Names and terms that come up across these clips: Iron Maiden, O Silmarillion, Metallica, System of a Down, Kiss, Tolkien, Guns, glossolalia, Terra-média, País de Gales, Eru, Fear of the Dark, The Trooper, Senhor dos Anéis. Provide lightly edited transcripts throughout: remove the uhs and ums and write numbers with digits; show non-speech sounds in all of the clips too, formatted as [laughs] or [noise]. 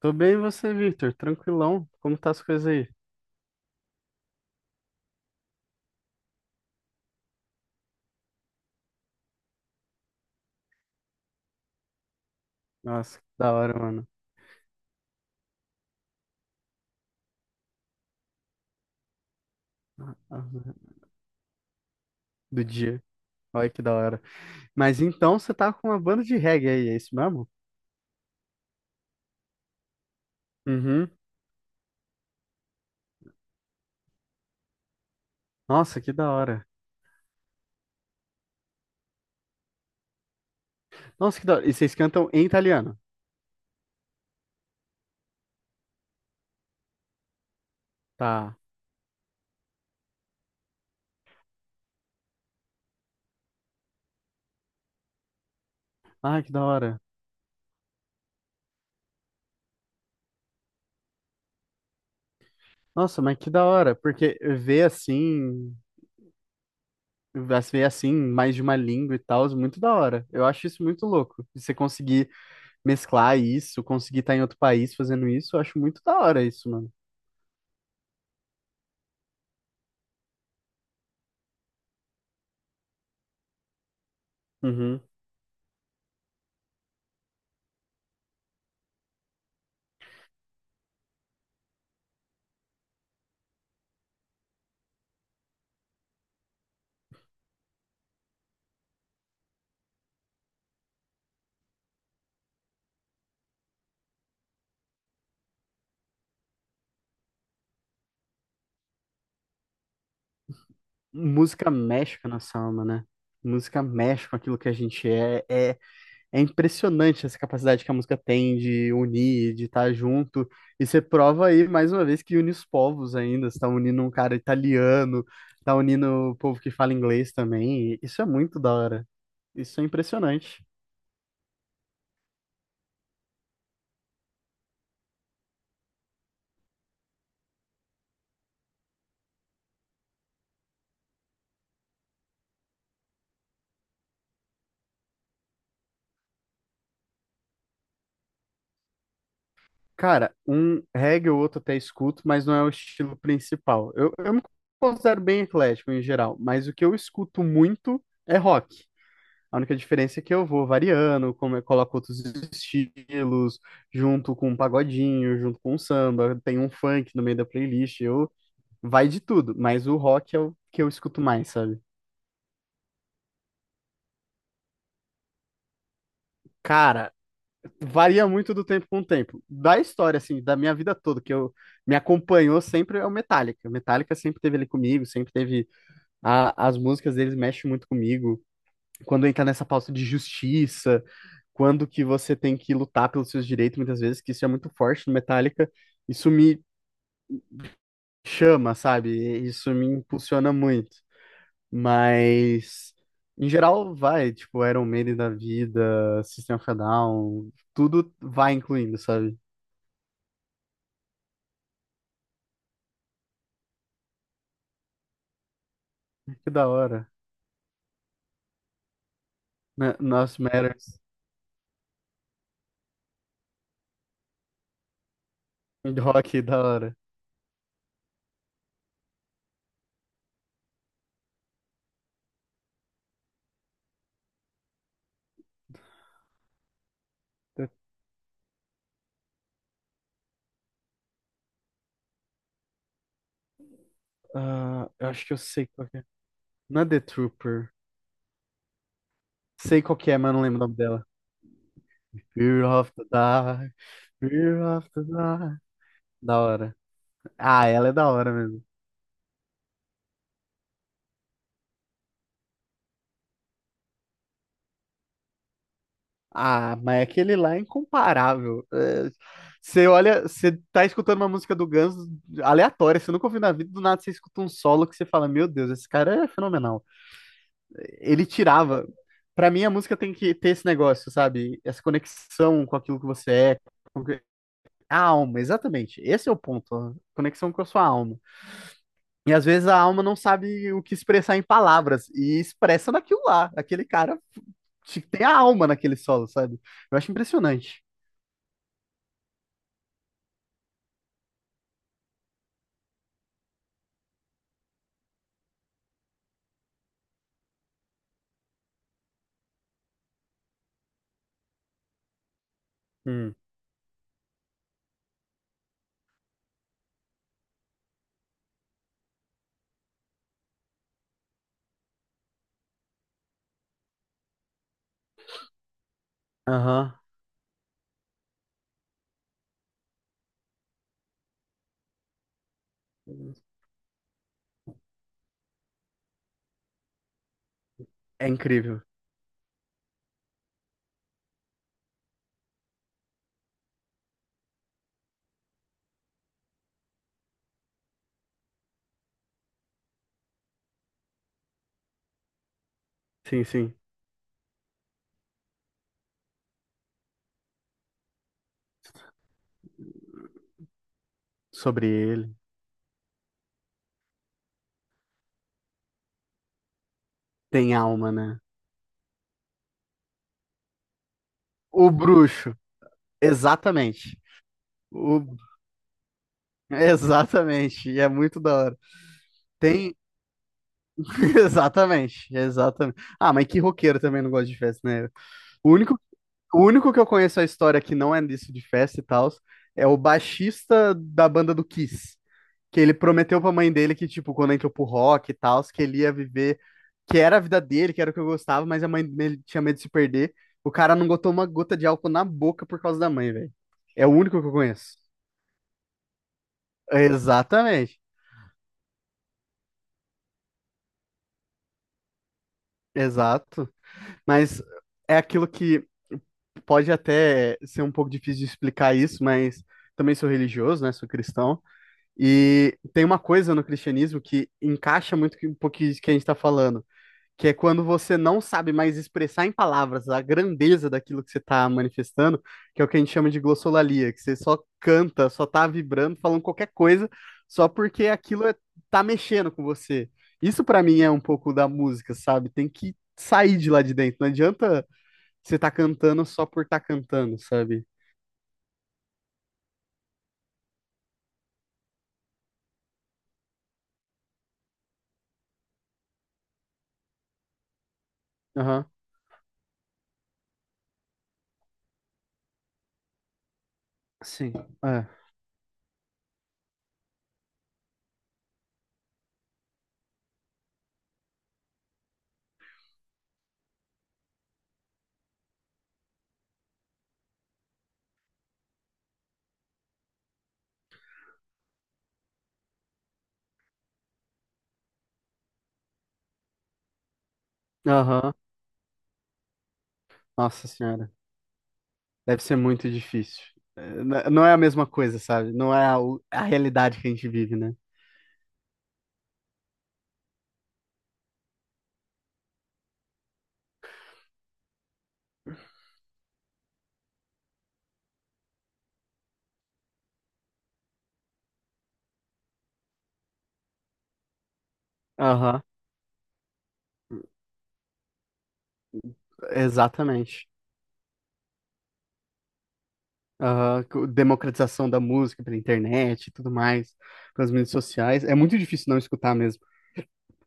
Tô bem, e você, Victor? Tranquilão? Como tá as coisas aí? Nossa, que da hora, mano. Do dia. Olha que da hora. Mas então você tá com uma banda de reggae aí, é isso mesmo? Uhum. Nossa, que da hora. Nossa, que da hora. E vocês cantam em italiano? Tá. Ah, que da hora. Nossa, mas que da hora. Porque ver assim, mais de uma língua e tal, é muito da hora. Eu acho isso muito louco. E você conseguir mesclar isso, conseguir estar em outro país fazendo isso, eu acho muito da hora isso, mano. Uhum. Música mexe com a nossa alma, né? Música mexe com aquilo que a gente é. É, é impressionante essa capacidade que a música tem de unir, de estar junto. E você prova aí, mais uma vez, que une os povos ainda. Você tá unindo um cara italiano, tá unindo o povo que fala inglês também. Isso é muito da hora. Isso é impressionante. Cara, um reggae ou outro até escuto, mas não é o estilo principal. Eu me considero bem eclético em geral, mas o que eu escuto muito é rock. A única diferença é que eu vou variando, como eu coloco outros estilos, junto com um pagodinho, junto com um samba, tem um funk no meio da playlist, eu vai de tudo, mas o rock é o que eu escuto mais, sabe? Cara, varia muito do tempo com o tempo. Da história, assim, da minha vida toda, que eu me acompanhou sempre é o Metallica. O Metallica sempre teve ele comigo, sempre teve as músicas deles mexem muito comigo. Quando entra nessa pauta de justiça, quando que você tem que lutar pelos seus direitos, muitas vezes, que isso é muito forte no Metallica, isso me chama, sabe? Isso me impulsiona muito. Mas, em geral, vai, tipo, Iron Maiden da vida, System of a Down, tudo vai incluindo, sabe? Que da hora. Nossa, Matters, rock, da hora. Ah, eu acho que eu sei qual que é. Não é The Trooper. Sei qual que é, mas eu não lembro o nome dela. Fear of the Dark, Fear of the Dark. Da hora. Ah, ela é da hora mesmo. Ah, mas é aquele lá é incomparável. É, você olha, você tá escutando uma música do Guns aleatória, você nunca ouviu na vida, do nada você escuta um solo que você fala, meu Deus, esse cara é fenomenal. Ele tirava. Pra mim, a música tem que ter esse negócio, sabe? Essa conexão com aquilo que você é. com que- A alma, exatamente. Esse é o ponto. A conexão com a sua alma. E às vezes a alma não sabe o que expressar em palavras, e expressa naquilo lá. Aquele cara tem a alma naquele solo, sabe? Eu acho impressionante. Hum. Aham, é incrível. Sim, sim. Sobre ele. Tem alma, né? O bruxo. Exatamente. O... Exatamente. E é muito da hora. Tem. [laughs] Exatamente. Exatamente. Ah, mas que roqueiro também não gosta de festa, né? O único O único que eu conheço a história que não é disso de festa e tal é o baixista da banda do Kiss, que ele prometeu pra mãe dele que, tipo, quando entrou pro rock e tal, que ele ia viver, que era a vida dele, que era o que eu gostava, mas a mãe dele tinha medo de se perder. O cara não botou uma gota de álcool na boca por causa da mãe, velho. É o único que eu conheço. Exatamente, exato. Mas é aquilo que pode até ser um pouco difícil de explicar isso, mas também sou religioso, né? Sou cristão. E tem uma coisa no cristianismo que encaixa muito com um pouquinho de que a gente está falando, que é quando você não sabe mais expressar em palavras a grandeza daquilo que você está manifestando, que é o que a gente chama de glossolalia, que você só canta, só tá vibrando, falando qualquer coisa, só porque aquilo é, tá mexendo com você. Isso para mim é um pouco da música, sabe? Tem que sair de lá de dentro. Não adianta você tá cantando só por estar tá cantando, sabe? Aham, sim. É. Aham, nossa Senhora. Deve ser muito difícil. É, não é a mesma coisa, sabe? Não é a realidade que a gente vive, né? Aham, exatamente. Aham, democratização da música pela internet e tudo mais, pelas mídias sociais. É muito difícil não escutar mesmo.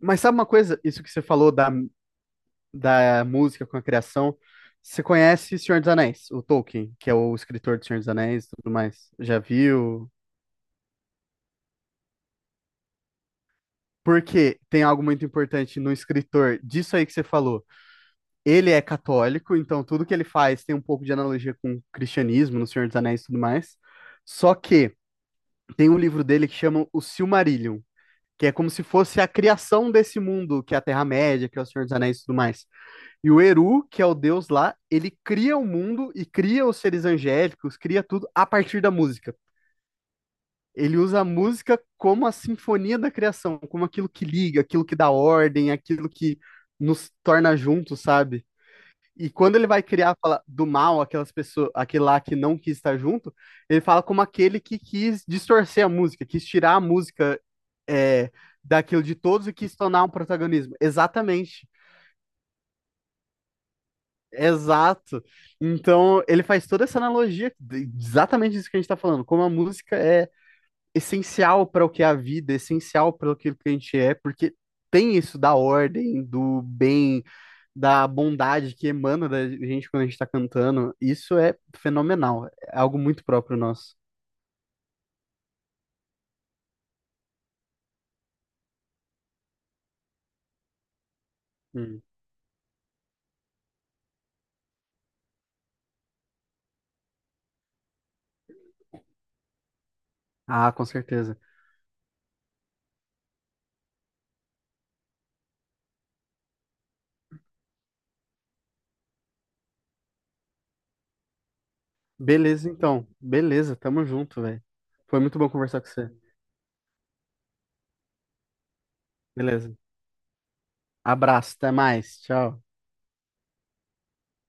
Mas sabe uma coisa? Isso que você falou da música com a criação. Você conhece Senhor dos Anéis, o Tolkien, que é o escritor do Senhor dos Anéis e tudo mais. Já viu? Porque tem algo muito importante no escritor disso aí que você falou. Ele é católico, então tudo que ele faz tem um pouco de analogia com o cristianismo, no Senhor dos Anéis e tudo mais. Só que tem um livro dele que chama O Silmarillion, que é como se fosse a criação desse mundo, que é a Terra-média, que é o Senhor dos Anéis e tudo mais. E o Eru, que é o deus lá, ele cria o mundo e cria os seres angélicos, cria tudo a partir da música. Ele usa a música como a sinfonia da criação, como aquilo que liga, aquilo que dá ordem, aquilo que nos torna juntos, sabe? E quando ele vai criar, fala do mal, aquelas pessoas, aquele lá que não quis estar junto, ele fala como aquele que quis distorcer a música, quis tirar a música é, daquilo de todos e quis tornar um protagonismo. Exatamente. Exato. Então, ele faz toda essa analogia, exatamente isso que a gente tá falando, como a música é essencial para o que é a vida, essencial para aquilo que a gente é, porque tem isso da ordem, do bem, da bondade que emana da gente quando a gente tá cantando, isso é fenomenal. É algo muito próprio nosso. Hum. Ah, com certeza. Beleza, então. Beleza, tamo junto, velho. Foi muito bom conversar com você. Beleza. Abraço, até mais. Tchau.